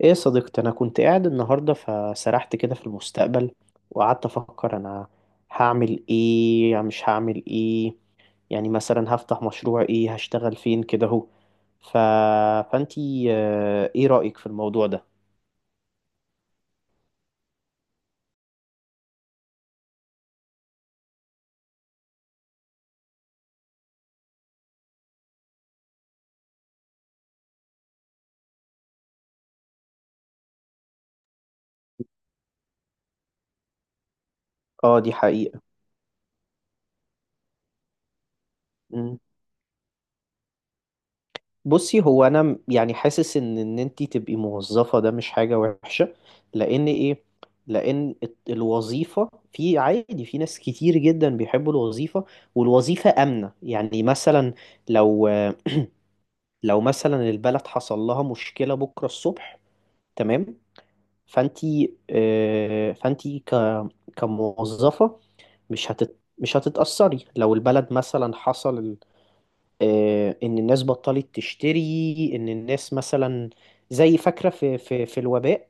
ايه يا صديقتي، انا كنت قاعد النهارده فسرحت كده في المستقبل، وقعدت افكر انا هعمل ايه، يعني مش هعمل ايه، يعني مثلا هفتح مشروع ايه، هشتغل فين كده اهو. ف... فانتي، ايه رأيك في الموضوع ده؟ اه، دي حقيقة. بصي، هو انا يعني حاسس ان انت تبقي موظفه ده مش حاجه وحشه. لان ايه؟ لان الوظيفه في عادي، في ناس كتير جدا بيحبوا الوظيفه، والوظيفه امنه. يعني مثلا لو لو مثلا البلد حصل لها مشكله بكره الصبح، تمام؟ فانت فانت كموظفه، مش هتتاثري لو البلد مثلا حصل، ان الناس بطلت تشتري، ان الناس مثلا، زي فاكره في الوباء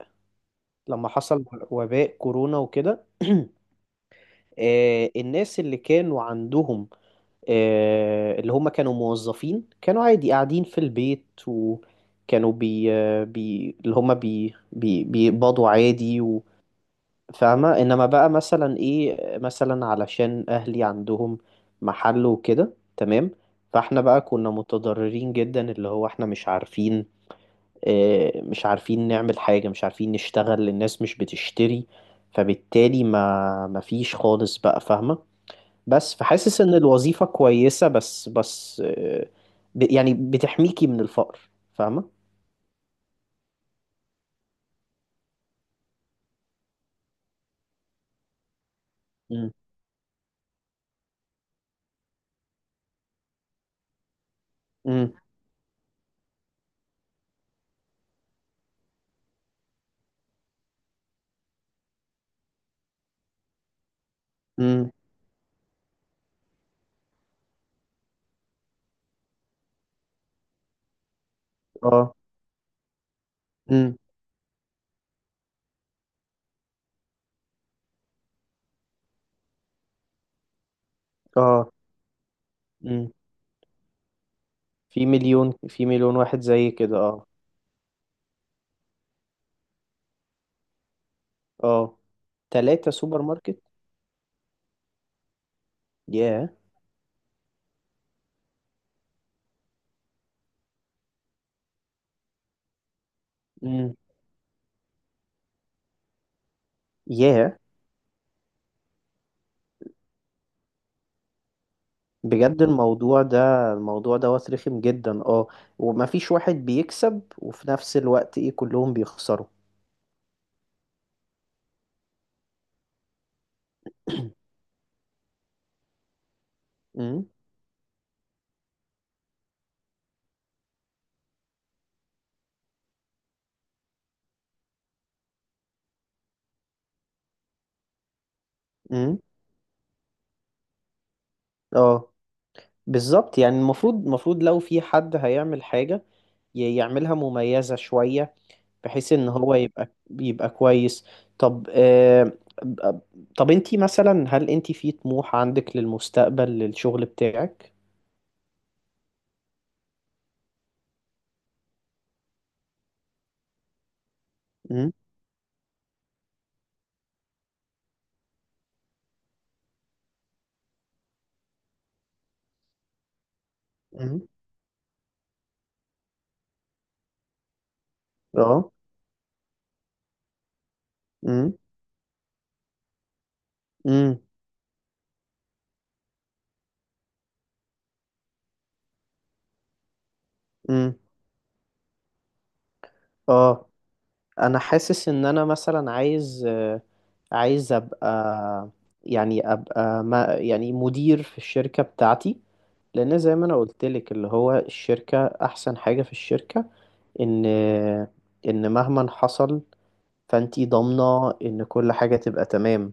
لما حصل وباء كورونا وكده. الناس اللي كانوا عندهم، اللي هم كانوا موظفين، كانوا عادي قاعدين في البيت، وكانوا بي آه، بي اللي هم بي بي بيقبضوا عادي، فاهمة؟ انما بقى مثلا ايه، مثلا علشان اهلي عندهم محل وكده، تمام؟ فاحنا بقى كنا متضررين جدا، اللي هو احنا مش عارفين نعمل حاجة، مش عارفين نشتغل، الناس مش بتشتري، فبالتالي ما فيش خالص بقى، فاهمة؟ بس فحاسس ان الوظيفة كويسة، بس يعني بتحميكي من الفقر، فاهمة؟ امم. امم. اه. امم. اه. في مليون واحد زي كده، اه، اه، 3 سوبر ماركت. ياه. امم. ياه. بجد الموضوع ده، الموضوع دوت رخم جدا، اه، ومفيش واحد بيكسب، وفي نفس الوقت ايه، كلهم بيخسروا. امم. امم. اه. بالظبط، يعني المفروض لو في حد هيعمل حاجة يعملها مميزة شوية، بحيث ان هو يبقى كويس. طب، طب انتي مثلا، هل انتي في طموح عندك للمستقبل للشغل بتاعك؟ امم. امم. اه. امم. امم. امم. اه، انا حاسس ان انا مثلا عايز، عايز ابقى، يعني ابقى، ما يعني، مدير في الشركة بتاعتي. لان زي ما انا قلت لك، اللي هو الشركة احسن حاجة في الشركة، ان ان مهما حصل، فانتي ضامنة ان كل حاجة تبقى تمام،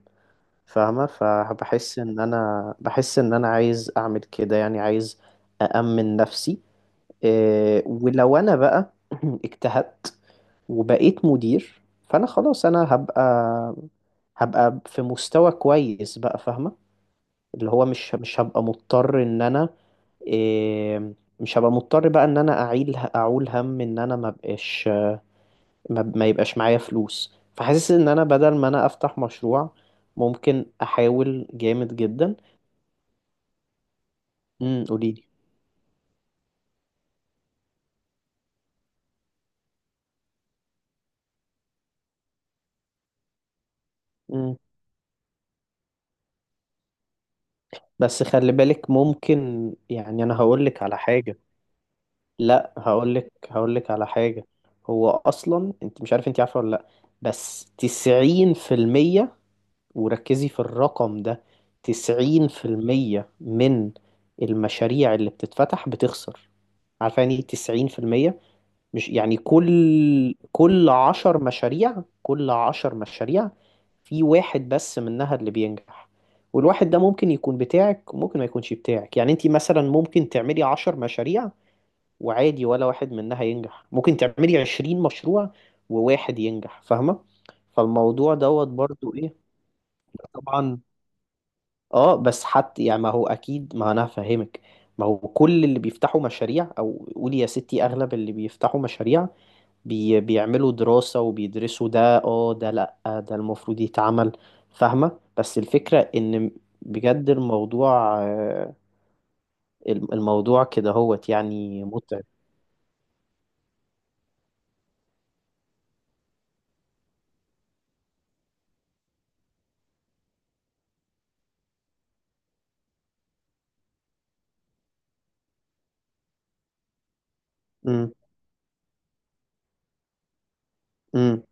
فاهمة؟ فبحس ان انا بحس ان انا عايز اعمل كده، يعني عايز أأمن نفسي. ولو انا بقى اجتهدت وبقيت مدير، فانا خلاص انا هبقى في مستوى كويس بقى، فاهمة؟ اللي هو مش هبقى مضطر ان انا، إيه، مش هبقى مضطر بقى ان انا اعيل، اعول هم ان انا ما بقاش، ما يبقاش معايا فلوس. فحاسس ان انا بدل ما انا افتح مشروع، ممكن احاول جامد جدا. امم، قوليلي. امم. بس خلي بالك، ممكن يعني، انا هقولك على حاجة. لا، هقولك على حاجة. هو اصلا انت مش عارف، انت عارفة ولا لا؟ بس 90%، وركزي في الرقم ده، 90% من المشاريع اللي بتتفتح بتخسر. عارفة يعني ايه 90%؟ مش يعني كل عشر مشاريع في واحد بس منها اللي بينجح، والواحد ده ممكن يكون بتاعك، وممكن ما يكونش بتاعك. يعني انت مثلا ممكن تعملي 10 مشاريع وعادي ولا واحد منها ينجح، ممكن تعملي 20 مشروع وواحد ينجح، فاهمة؟ فالموضوع دوت برضو ايه؟ طبعا. اه، بس حتى يعني، ما هو اكيد، ما انا هفهمك. ما هو كل اللي بيفتحوا مشاريع، او قولي يا ستي، اغلب اللي بيفتحوا مشاريع بيعملوا دراسة وبيدرسوا ده، اه ده لأ ده المفروض يتعمل، فاهمة؟ بس الفكرة إن بجد الموضوع، الموضوع كده هوت يعني متعب. امم. امم.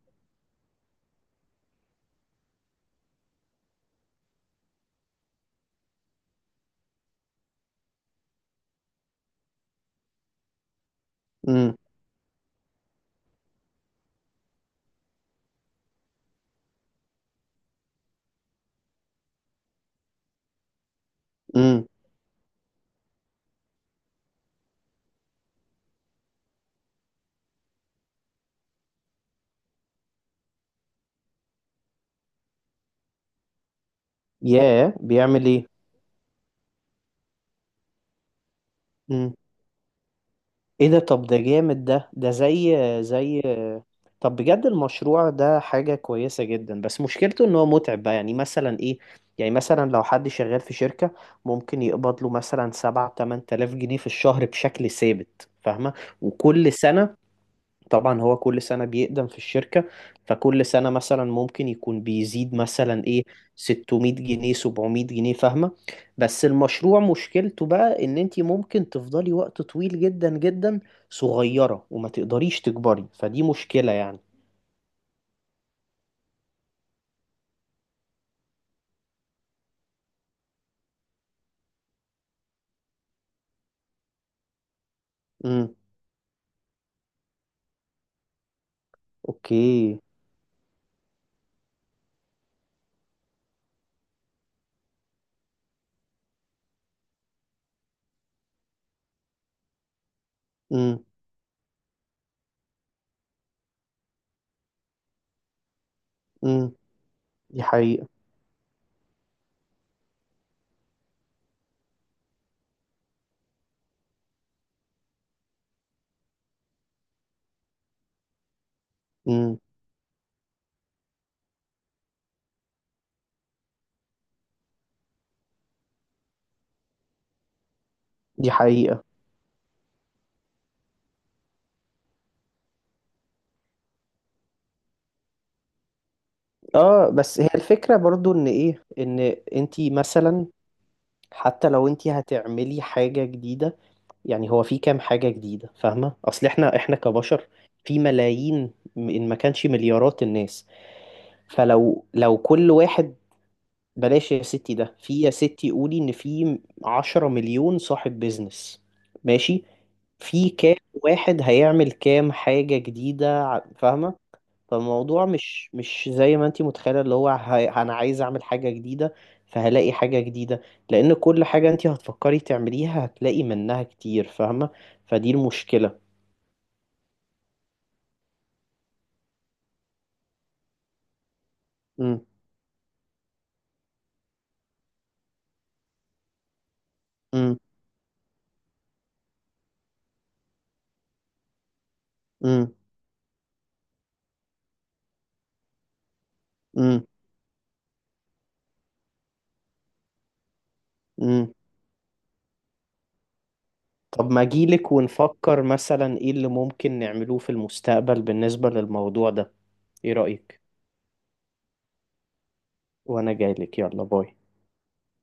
امم. امم. ياه، بيعمل ايه؟ إمم. ايه ده؟ طب ده جامد. ده زي طب بجد المشروع ده حاجة كويسة جدا، بس مشكلته ان هو متعب بقى، يعني مثلا ايه، يعني مثلا لو حد شغال في شركة ممكن يقبض له مثلا 7 أو 8 آلاف جنيه في الشهر بشكل ثابت، فاهمة؟ وكل سنة طبعا هو كل سنة بيقدم في الشركة، فكل سنة مثلا ممكن يكون بيزيد مثلا ايه، 600 جنيه، 700 جنيه، فاهمة؟ بس المشروع مشكلته بقى ان انتي ممكن تفضلي وقت طويل جدا جدا صغيرة، وما تقدريش تكبري، فدي مشكلة يعني. امم. اوكي. امم. امم. دي حقيقة. امم. دي حقيقة. اه، بس هي الفكرة برضو، ان ايه، ان انتي مثلا، حتى لو انتي هتعملي حاجة جديدة، يعني هو في كام حاجة جديدة؟ فاهمة، اصل احنا كبشر في ملايين، ان ما كانش مليارات الناس. فلو لو كل واحد، بلاش يا ستي، ده في يا ستي قولي ان في 10 مليون صاحب بيزنس، ماشي، في كام واحد هيعمل كام حاجة جديدة فاهمة؟ فالموضوع مش زي ما انتي متخيلة، اللي هو انا عايز اعمل حاجة جديدة فهلاقي حاجة جديدة. لان كل حاجة انتي هتفكري تعمليها هتلاقي منها كتير، فاهمة؟ فدي المشكلة. مم. مم. مم. مم. مم. طب ما اجيلك ونفكر مثلا ايه اللي ممكن نعملوه في المستقبل بالنسبة للموضوع ده. ايه رأيك؟ وانا جايلك، يلا باي.